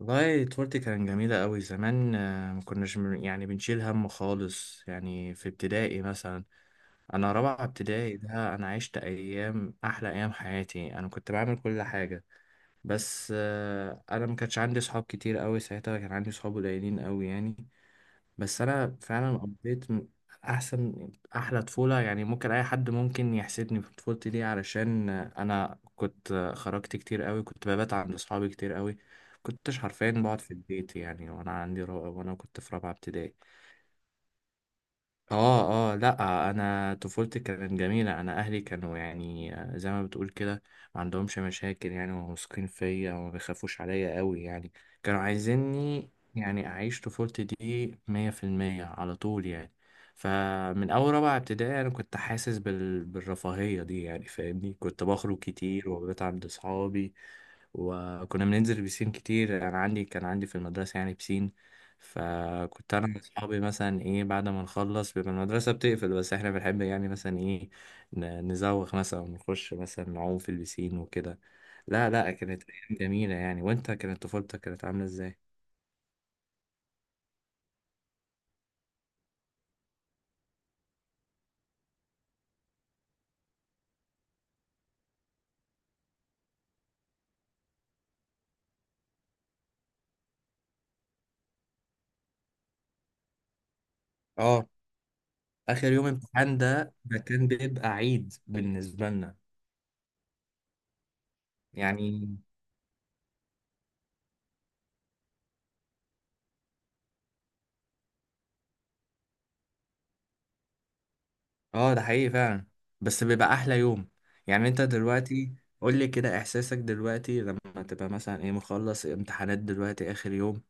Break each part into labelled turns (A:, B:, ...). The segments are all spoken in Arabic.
A: والله طفولتي كانت جميلة أوي زمان، ما كناش يعني بنشيل هم خالص، يعني في ابتدائي مثلا. أنا رابعة ابتدائي ده، أنا عشت أيام، أحلى أيام حياتي. أنا كنت بعمل كل حاجة، بس أنا ما كانش عندي صحاب كتير أوي. ساعتها كان عندي صحاب قليلين أوي يعني. بس انا فعلا قضيت احسن احلى طفوله يعني. ممكن اي حد ممكن يحسدني في طفولتي دي علشان انا كنت خرجت كتير قوي، كنت ببات عند اصحابي كتير قوي. كنتش حرفيا بقعد في البيت يعني، وانا عندي رابعه، وانا كنت في رابعه ابتدائي. اه اه لا، انا طفولتي كانت جميله، انا اهلي كانوا يعني زي ما بتقول كده ما عندهمش مشاكل يعني، وواثقين فيا وما بيخافوش عليا قوي يعني. كانوا عايزيني يعني اعيش طفولتي دي مية في المية على طول يعني. فمن اول رابعه ابتدائي انا كنت حاسس بالرفاهيه دي يعني فاهمني. كنت بخرج كتير وببات عند اصحابي. وكنا بننزل بسين كتير، انا عندي كان عندي في المدرسه يعني بسين. فكنت انا واصحابي مثلا ايه بعد ما نخلص بيبقى المدرسه بتقفل، بس احنا بنحب يعني مثلا ايه نزوغ مثلا ونخش مثلا نعوم في البسين وكده. لا لا، كانت ايام جميله يعني. وانت كانت طفولتك كانت عامله ازاي؟ اه، اخر يوم امتحان ده ده كان بيبقى عيد بالنسبه لنا يعني. اه ده حقيقي فعلا. بس بيبقى احلى يوم يعني. انت دلوقتي قول لي كده احساسك دلوقتي لما تبقى مثلا ايه مخلص امتحانات دلوقتي اخر يوم.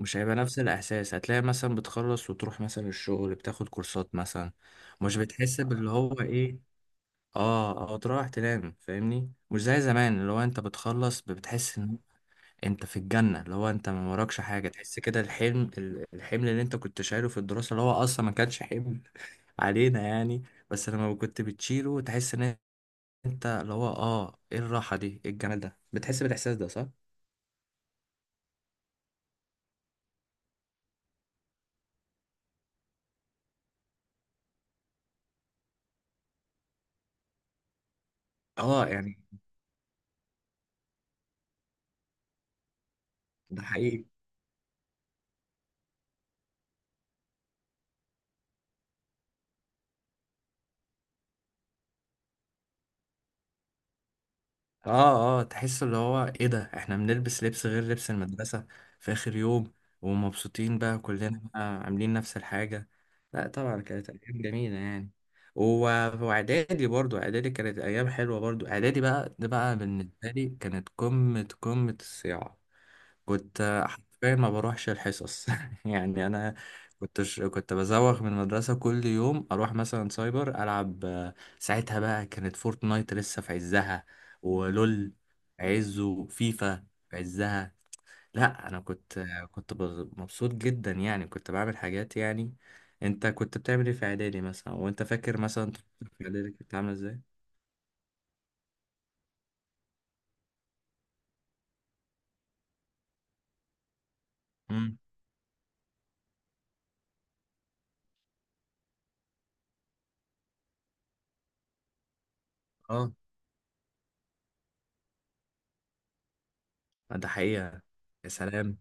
A: مش هيبقى نفس الإحساس. هتلاقي مثلا بتخلص وتروح مثلا الشغل، بتاخد كورسات مثلا. مش بتحس باللي هو إيه، آه، أو تروح تنام فاهمني. مش زي زمان اللي هو أنت بتخلص بتحس إن أنت في الجنة، اللي هو أنت ما وراكش حاجة. تحس كده الحلم الحمل اللي أنت كنت شايله في الدراسة اللي هو أصلا ما كانش حمل علينا يعني. بس لما كنت بتشيله تحس إن أنت اللي هو آه إيه الراحة دي، إيه الجمال ده، بتحس بالإحساس ده صح؟ آه يعني ده حقيقي. اه اه تحس اللي هو ايه، ده احنا بنلبس لبس غير لبس المدرسة في اخر يوم، ومبسوطين بقى، كلنا بقى عاملين نفس الحاجة. لا طبعا كانت ايام جميلة يعني. و- واعدادي برضو، اعدادي كانت ايام حلوة برضو. اعدادي بقى ده بقى بالنسبة لي كانت قمة قمة الصياعة. كنت حرفيا ما بروحش الحصص يعني. انا كنت كنت بزوغ من المدرسه كل يوم، اروح مثلا سايبر العب. ساعتها بقى كانت فورتنايت لسه في عزها ولول في عزه، وفيفا في عزها. لا انا كنت، كنت مبسوط جدا يعني، كنت بعمل حاجات يعني. انت كنت بتعمل ايه في اعدادي مثلا؟ وانت فاكر مثلا طفولتك في اعدادي كنت عامله ازاي؟ امم اه ده حقيقه. يا سلام.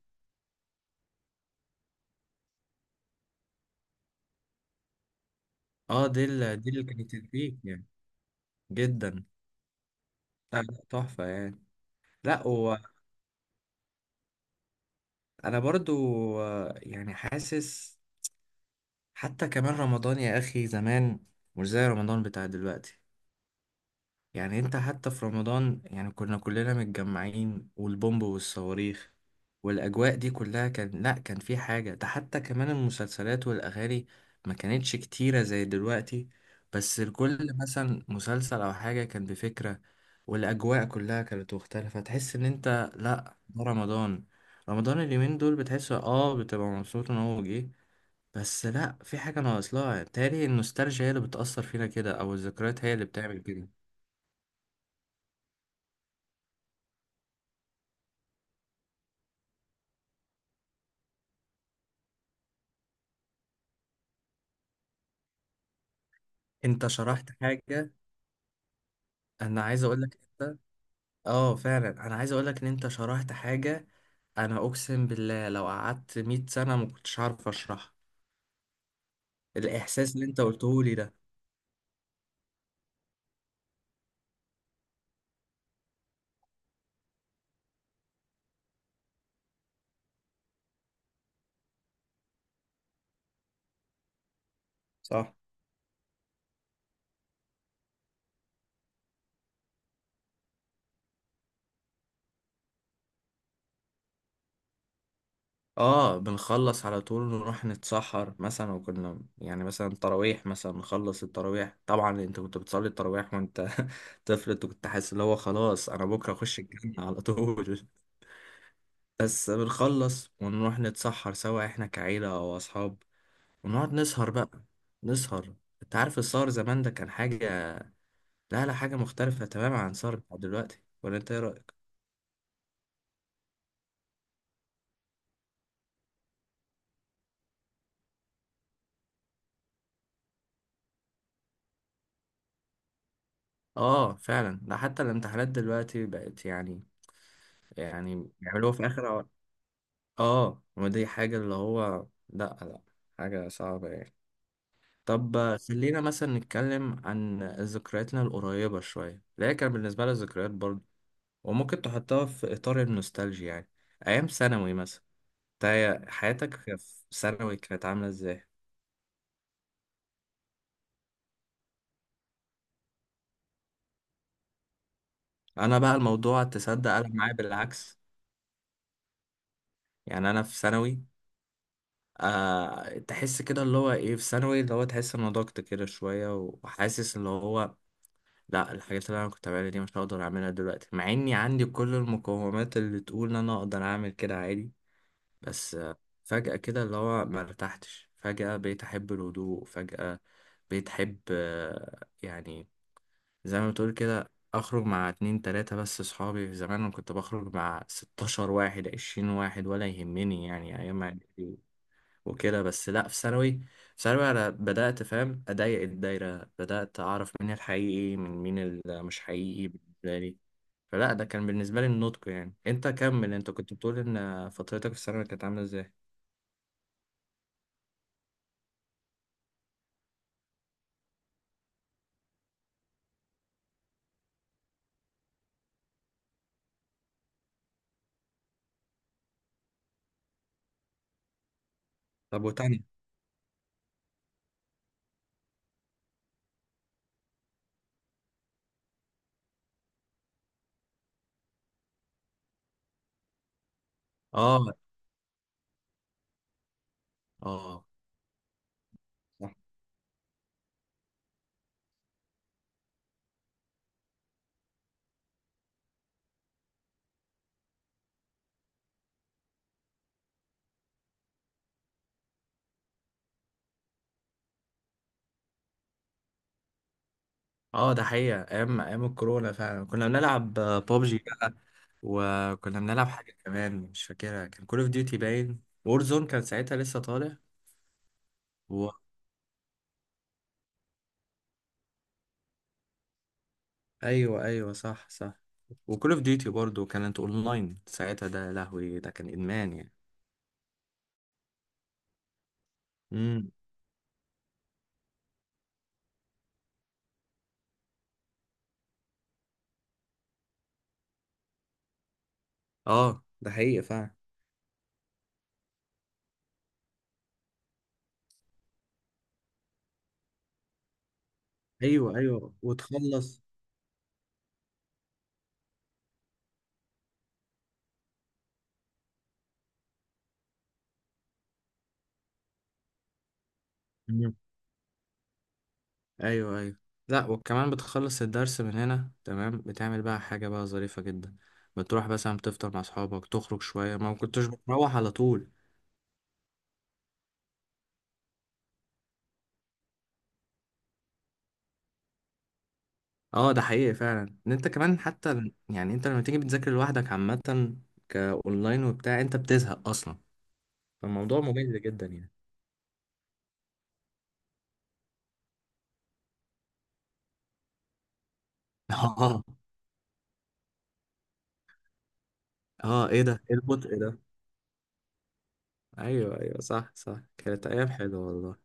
A: اه، دي دي اللي كانت تديك يعني جدا. لا، لا، تحفة يعني. لا وانا برضو يعني حاسس. حتى كمان رمضان يا اخي زمان مش زي رمضان بتاع دلوقتي يعني. انت حتى في رمضان يعني كنا كلنا متجمعين، والبومب والصواريخ والاجواء دي كلها. كان لا كان في حاجة. ده حتى كمان المسلسلات والاغاني ما كانتش كتيرة زي دلوقتي، بس الكل مثلا مسلسل او حاجة كان بفكرة. والاجواء كلها كانت مختلفة، تحس ان انت لا ده رمضان. رمضان اليومين دول بتحس اه بتبقى مبسوط ان هو جه، بس لا في حاجة ناقص. لها تالي النوستالجيا هي اللي بتأثر فينا كده او الذكريات هي اللي بتعمل كده. انت شرحت حاجة، انا عايز اقول لك انت. اه فعلا، انا عايز اقول لك ان انت شرحت حاجة. انا اقسم بالله لو قعدت 100 سنة ما كنتش عارف اشرحها. الاحساس اللي انت قلته لي ده صح. اه بنخلص على طول نروح نتسحر مثلا. وكنا يعني مثلا تراويح مثلا نخلص التراويح، طبعا انت كنت بتصلي التراويح وانت طفل. انت كنت حاسس اللي هو خلاص انا بكرة اخش الجنة على طول. بس بنخلص ونروح نتسحر سوا احنا كعيلة او اصحاب. ونقعد نسهر بقى، نسهر. انت عارف السهر زمان ده كان حاجة، لا لا، حاجة مختلفة تماما عن السهر بتاع دلوقتي. ولا انت ايه رأيك؟ اه فعلا، ده حتى الامتحانات دلوقتي بقت يعني. يعني بيعملوها في اخر اه. ما دي حاجة اللي هو، لا لا، حاجة صعبة يعني. طب خلينا مثلا نتكلم عن ذكرياتنا القريبة شوية اللي هي كان بالنسبة لي ذكريات برضه، وممكن تحطها في إطار النوستالجيا يعني. أيام ثانوي مثلا. انت حياتك في ثانوي كانت عاملة ازاي؟ انا بقى الموضوع تصدق قلب معايا بالعكس. يعني انا في ثانوي آه تحس كده اللي هو ايه، في ثانوي اللي هو تحس ان ضغط كده شويه، وحاسس اللي هو لا، الحاجات اللي انا كنت بعملها دي مش هقدر اعملها دلوقتي مع اني عندي كل المقومات اللي تقول ان انا اقدر اعمل كده عادي. بس آه فجأة كده اللي هو ما ارتحتش فجأة، بقيت احب الهدوء فجأة، بقيت احب آه يعني زي ما بتقول كده اخرج مع اتنين تلاتة بس. صحابي زمان انا كنت بخرج مع ستاشر واحد، عشرين واحد، ولا يهمني يعني ايام إعدادي وكده. بس لا في ثانوي، في ثانوي انا بدأت فاهم اضيق الدايرة، بدأت اعرف مين الحقيقي من مين اللي مش حقيقي بالنسبة لي. فلا ده كان بالنسبة لي النضج يعني. انت كمل، انت كنت بتقول ان فترتك في الثانوي كانت عاملة ازاي؟ طب وتانية. اه اه اه ده حقيقة، ايام ايام الكورونا فعلا كنا بنلعب بابجي بقى. وكنا بنلعب حاجة كمان مش فاكرها، كان كول اوف ديوتي باين، وورزون كان ساعتها لسه طالع. و... ايوه ايوه صح صح. وكول اوف ديوتي برضه كانت اونلاين ساعتها. ده يا لهوي ده كان ادمان يعني. امم اه ده حقيقة فعلا. ايوه ايوه وتخلص. ايوه ايوه لا، وكمان بتخلص الدرس من هنا تمام، بتعمل بقى حاجة بقى ظريفة جدا، بتروح مثلا بتفطر مع اصحابك تخرج شوية، ما كنتش بتروح على طول. اه ده حقيقي فعلا ان انت كمان حتى يعني انت لما تيجي بتذاكر لوحدك عامة كاونلاين وبتاع انت بتزهق اصلا، فالموضوع ممل جدا يعني. اه اه ايه ده، ايه البطء ده. ايوه ايوه صح صح، كانت ايام حلوة والله.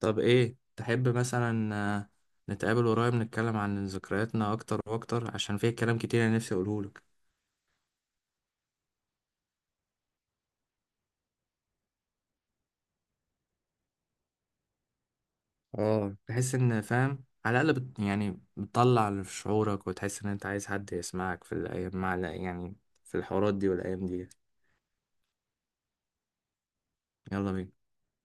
A: طب ايه تحب مثلا، نتقابل قريب نتكلم عن ذكرياتنا اكتر واكتر عشان فيه كلام كتير انا نفسي اقوله لك. اه تحس ان فاهم على الاقل يعني بتطلع اللي في شعورك وتحس ان انت عايز حد يسمعك في الايام مع يعني في الحوارات دي والايام دي. يلا بينا.